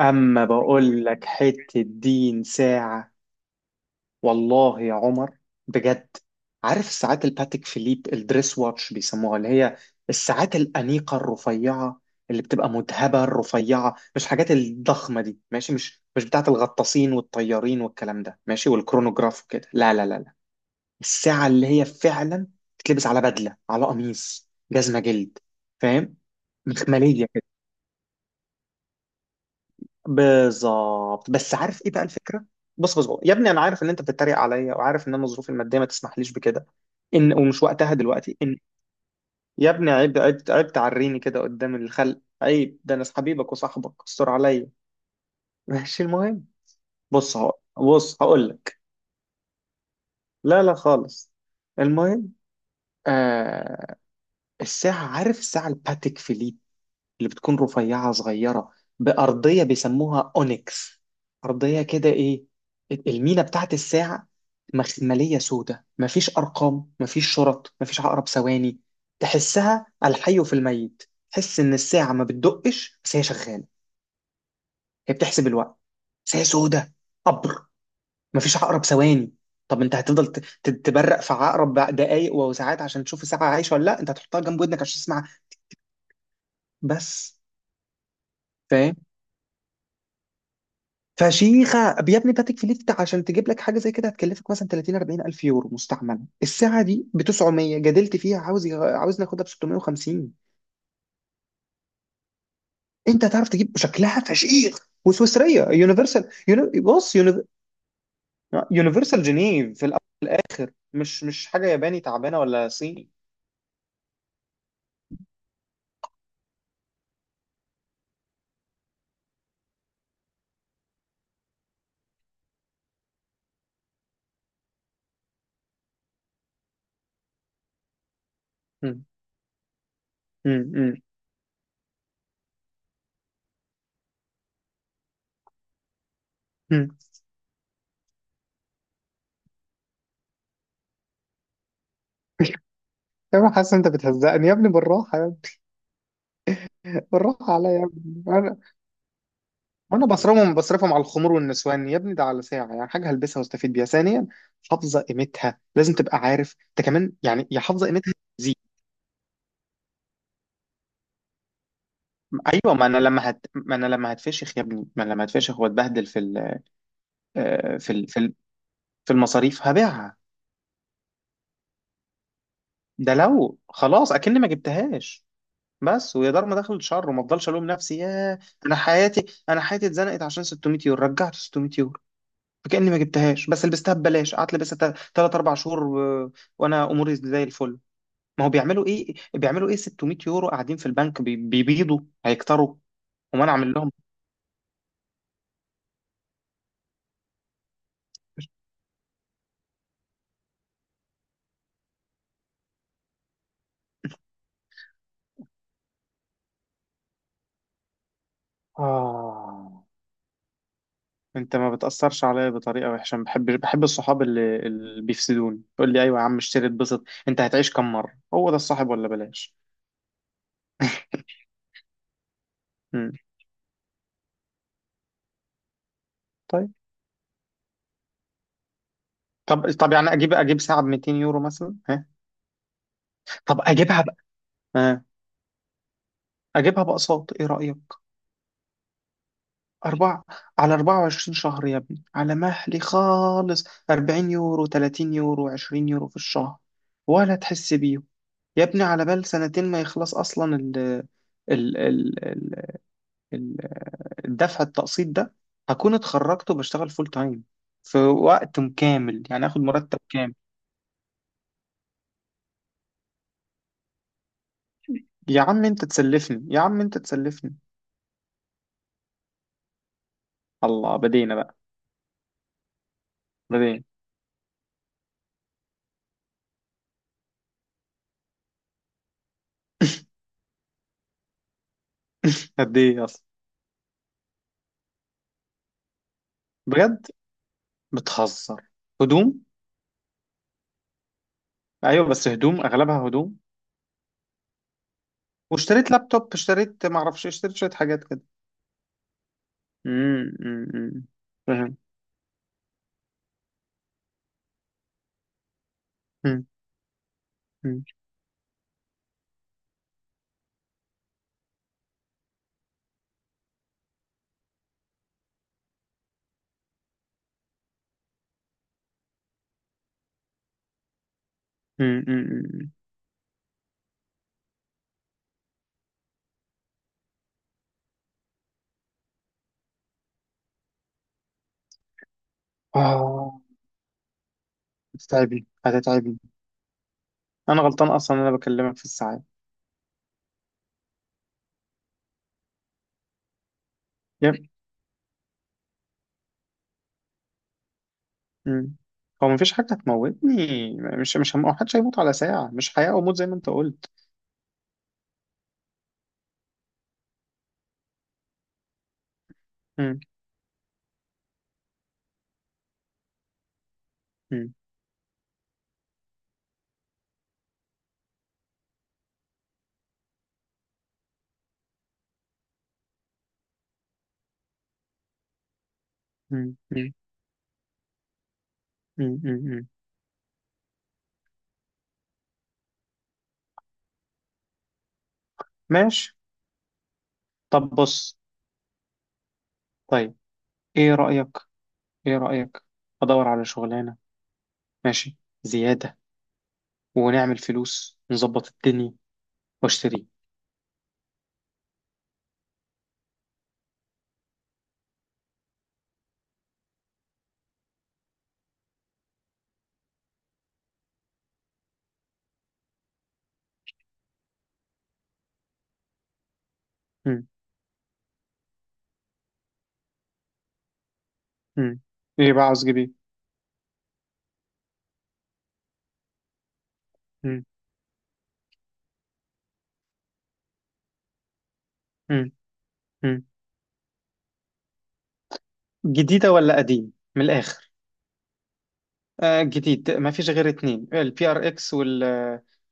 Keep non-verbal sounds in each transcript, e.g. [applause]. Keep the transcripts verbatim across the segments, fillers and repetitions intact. أما بقول لك حتة دين ساعة، والله يا عمر، بجد. عارف الساعات الباتيك فيليب الدريس واتش بيسموها، اللي هي الساعات الأنيقة الرفيعة اللي بتبقى مذهبة الرفيعة، مش حاجات الضخمة دي. ماشي. مش مش بتاعة الغطاسين والطيارين والكلام ده، ماشي، والكرونوجراف وكده. لا لا لا لا، الساعة اللي هي فعلا بتلبس على بدلة، على قميص، جزمة جلد، فاهم؟ مخملية، بالظبط. بس عارف ايه بقى الفكره؟ بص بص بص يا ابني، انا عارف ان انت بتتريق عليا، وعارف ان انا ظروفي الماديه ما تسمحليش بكده، ان ومش وقتها دلوقتي ان. يا ابني عيب عيب عيب، تعريني كده قدام الخلق، عيب. ده انا حبيبك وصاحبك، استر عليا. [laughs] ماشي، المهم. بص هقول بص هقول لك. لا لا خالص. المهم. آه. الساعه عارف الساعه الباتيك فيليب اللي بتكون رفيعة صغيرة، بأرضية بيسموها أونيكس، أرضية كده إيه، المينا بتاعت الساعة، مخملية، سودة، مفيش أرقام، مفيش شرط، مفيش عقرب ثواني. تحسها الحي في الميت، تحس إن الساعة ما بتدقش بس هي شغالة، هي بتحسب الوقت. بس هي سودة قبر، مفيش عقرب ثواني. طب انت هتفضل ت- ت- تبرق في عقرب دقايق وساعات عشان تشوف الساعة عايشة ولا لا؟ انت هتحطها جنب ودنك عشان تسمعها، بس. فاهم؟ فشيخه. يا ابني باتيك فيليت، عشان تجيب لك حاجه زي كده هتكلفك مثلا تلاتين أربعين الف يورو، مستعمله الساعه دي ب تسعمية، جدلت فيها عاوز يغ- عاوز ناخدها ب ستمية وخمسين. انت هتعرف تجيب شكلها فشيخ، وسويسريه، يونيفرسال، يوني... بص، يوني... يونيفرسال جنيف في الاخر، مش مش حاجه ياباني تعبانه ولا صيني. مم. مم. مم. مم. [laughs] يا ابني حاسس انت بتهزقني يا ابني، بالراحه يا ابني، بالراحه عليا يا ابني. وانا بصرفهم بصرفهم على الخمور والنسوان يا ابني؟ ده على ساعه، يعني حاجه هلبسها واستفيد بيها، ثانيا حافظه قيمتها، لازم تبقى عارف انت كمان يعني، يا حافظه قيمتها زي... ايوه، ما انا لما هت... ما انا لما هتفشخ يا ابني، ما انا لما هتفشخ واتبهدل في ال... آه، في ال... في ال... في المصاريف، هبيعها. ده لو خلاص اكني ما جبتهاش، بس ويا دار ما دخلت شر، وما افضلش الوم نفسي يا... انا حياتي انا حياتي اتزنقت عشان ستمائة يورو، رجعت ستمائة يورو، فكاني ما جبتهاش بس لبستها ببلاش، قعدت لبستها ثلاثة اربعة شهور و... وانا اموري زي الفل. ما هو بيعملوا ايه، بيعملوا ايه ستمائة يورو قاعدين في البنك بي- بيبيضوا؟ هيكتروا؟ وما انا اعمل لهم. آه. انت ما بتأثرش عليا بطريقة وحشة، ما بحب بحب الصحاب اللي, اللي بيفسدوني، يقول لي ايوه يا عم اشتري اتبسط، انت هتعيش كم مرة؟ هو ده الصاحب، ولا بلاش. [laughs] مم. طيب. طب طب يعني اجيب اجيب ساعة ب ميتين يورو مثلا، ها؟ طب اجيبها بقى، ها؟ اجيبها باقساط، ايه رأيك؟ أربعة، على اربعة وعشرين شهر يا ابني، على مهلي خالص، أربعين يورو، تلاتين يورو، عشرين يورو في الشهر، ولا تحس بيه. يا ابني على بال سنتين ما يخلص أصلا ال ال ال ال ال- الدفع التقسيط ده، هكون اتخرجت وبشتغل فول تايم، في وقت كامل، يعني آخد مرتب كامل. يا عم أنت تسلفني، يا عم أنت تسلفني. الله، بدينا بقى. بدينا. [laughs] قد إيه أصلا؟ بجد؟ بتهزر؟ هدوم؟ أيوه بس هدوم، أغلبها هدوم. واشتريت لابتوب، اشتريت ما اعرفش، اشتريت شويه حاجات كده. امم، أمم، أمم. فاهم. أمم، أمم، أمم، أمم. اه. هتتعبي هتتعبي. انا غلطان اصلا انا بكلمك في الساعات. يب. أمم. هو مفيش حاجه هتموتني، مش مش هم... حدش هيموت على ساعه، مش حياه وموت زي ما انت قلت. أمم، أمم، أمم، أمم، أمم، أمم. ماشي. طب بص، طيب. ايه رايك ايه رايك؟ ادور على شغلانه، ماشي، زياده، ونعمل فلوس، نظبط الدنيا، واشتري. مم. مم. ايه بقى، عاوز جديد؟ مم. مم. مم. جديدة ولا قديم من الآخر؟ آه جديد. ما فيش غير اتنين: البي ار اكس، وال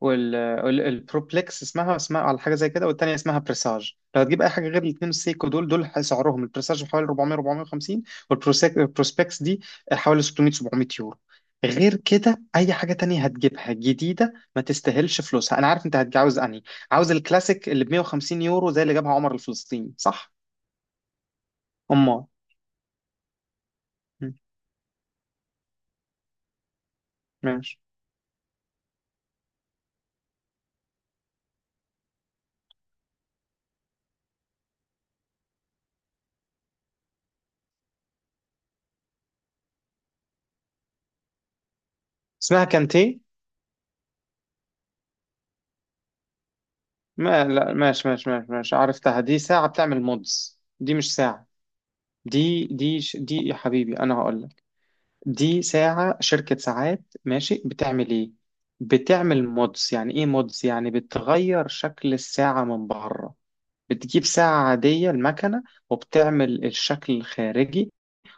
وال وال- البروبلكس، اسمها اسمها على حاجة زي كده، والتانية اسمها بريساج. لو هتجيب أي حاجة غير الاتنين السيكو دول، دول سعرهم البريساج حوالي أربعمائة أربعمية وخمسين، والبروسبكس دي حوالي ستمائة سبعمائة يورو. غير كده اي حاجه تانية هتجيبها جديده ما تستاهلش فلوسها. انا عارف انت هتجي- عاوز انهي، عاوز الكلاسيك اللي ب مية وخمسين يورو، زي اللي جابها عمر الفلسطيني، صح؟ أمار. مم. ماشي. اسمها كانتي. ما لا، ماشي ماشي ماشي ماشي، عرفتها. دي ساعة بتعمل مودز، دي مش ساعة. دي دي ش- دي يا حبيبي أنا هقول لك، دي ساعة، شركة ساعات ماشي، بتعمل إيه؟ بتعمل مودز. يعني إيه مودز؟ يعني بتغير شكل الساعة من بره، بتجيب ساعة عادية المكنة، وبتعمل الشكل الخارجي،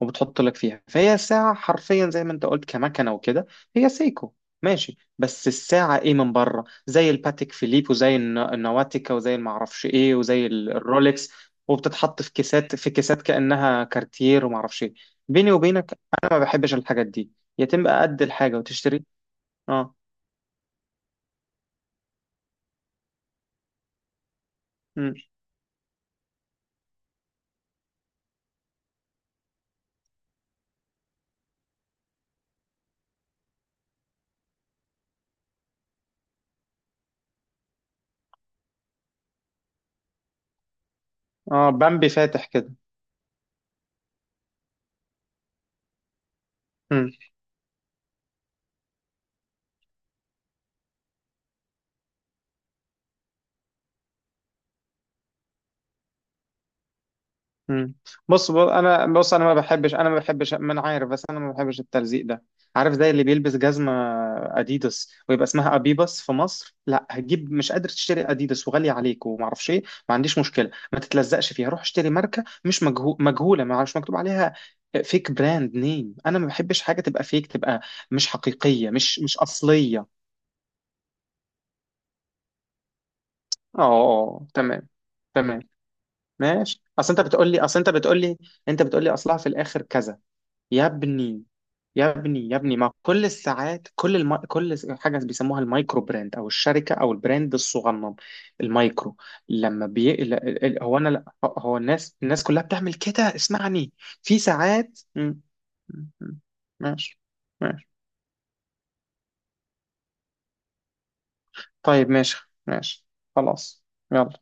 وبتحط لك فيها، فهي الساعة حرفيا زي ما انت قلت كمكنة وكده، هي سيكو ماشي، بس الساعة ايه من بره زي الباتيك فيليب، وزي الن- النواتيكا، وزي المعرفش ايه، وزي ال- الرولكس، وبتتحط في كيسات في كيسات كأنها كارتير ومعرفش ايه. بيني وبينك، انا ما بحبش الحاجات دي، يتم قد الحاجة وتشتري. اه. مم. اه، بامبي فاتح كده. مم. بص بص، انا بص انا ما بحبش، انا ما بحبش ما انا عارف، بس انا ما بحبش التلزيق ده. عارف زي اللي بيلبس جزمه اديداس ويبقى اسمها ابيباس في مصر؟ لا هتجيب، مش قادر تشتري اديداس وغالي عليك وما اعرفش ايه، ما عنديش مشكله، ما تتلزقش فيها، روح اشتري ماركه مش مجهو... مجهوله، ما مش مكتوب عليها فيك براند نيم. انا ما بحبش حاجه تبقى فيك، تبقى مش حقيقيه، مش مش اصليه. اه، آه، آه، تمام. تمام. ماشي، اصل انت بتقول لي اصل انت بتقول لي انت بتقول لي اصلها في الاخر كذا. يا ابني، يا ابني، يا ابني، ما كل الساعات، كل الم... كل حاجه بيسموها المايكرو براند او الشركه او البراند الصغنن، المايكرو. لما بي... ال- ال- ال- هو انا هو الناس الناس كلها بتعمل كده، اسمعني. في ساعات م- م- م- ماشي. ماشي. طيب. ماشي. ماشي. خلاص. يلا.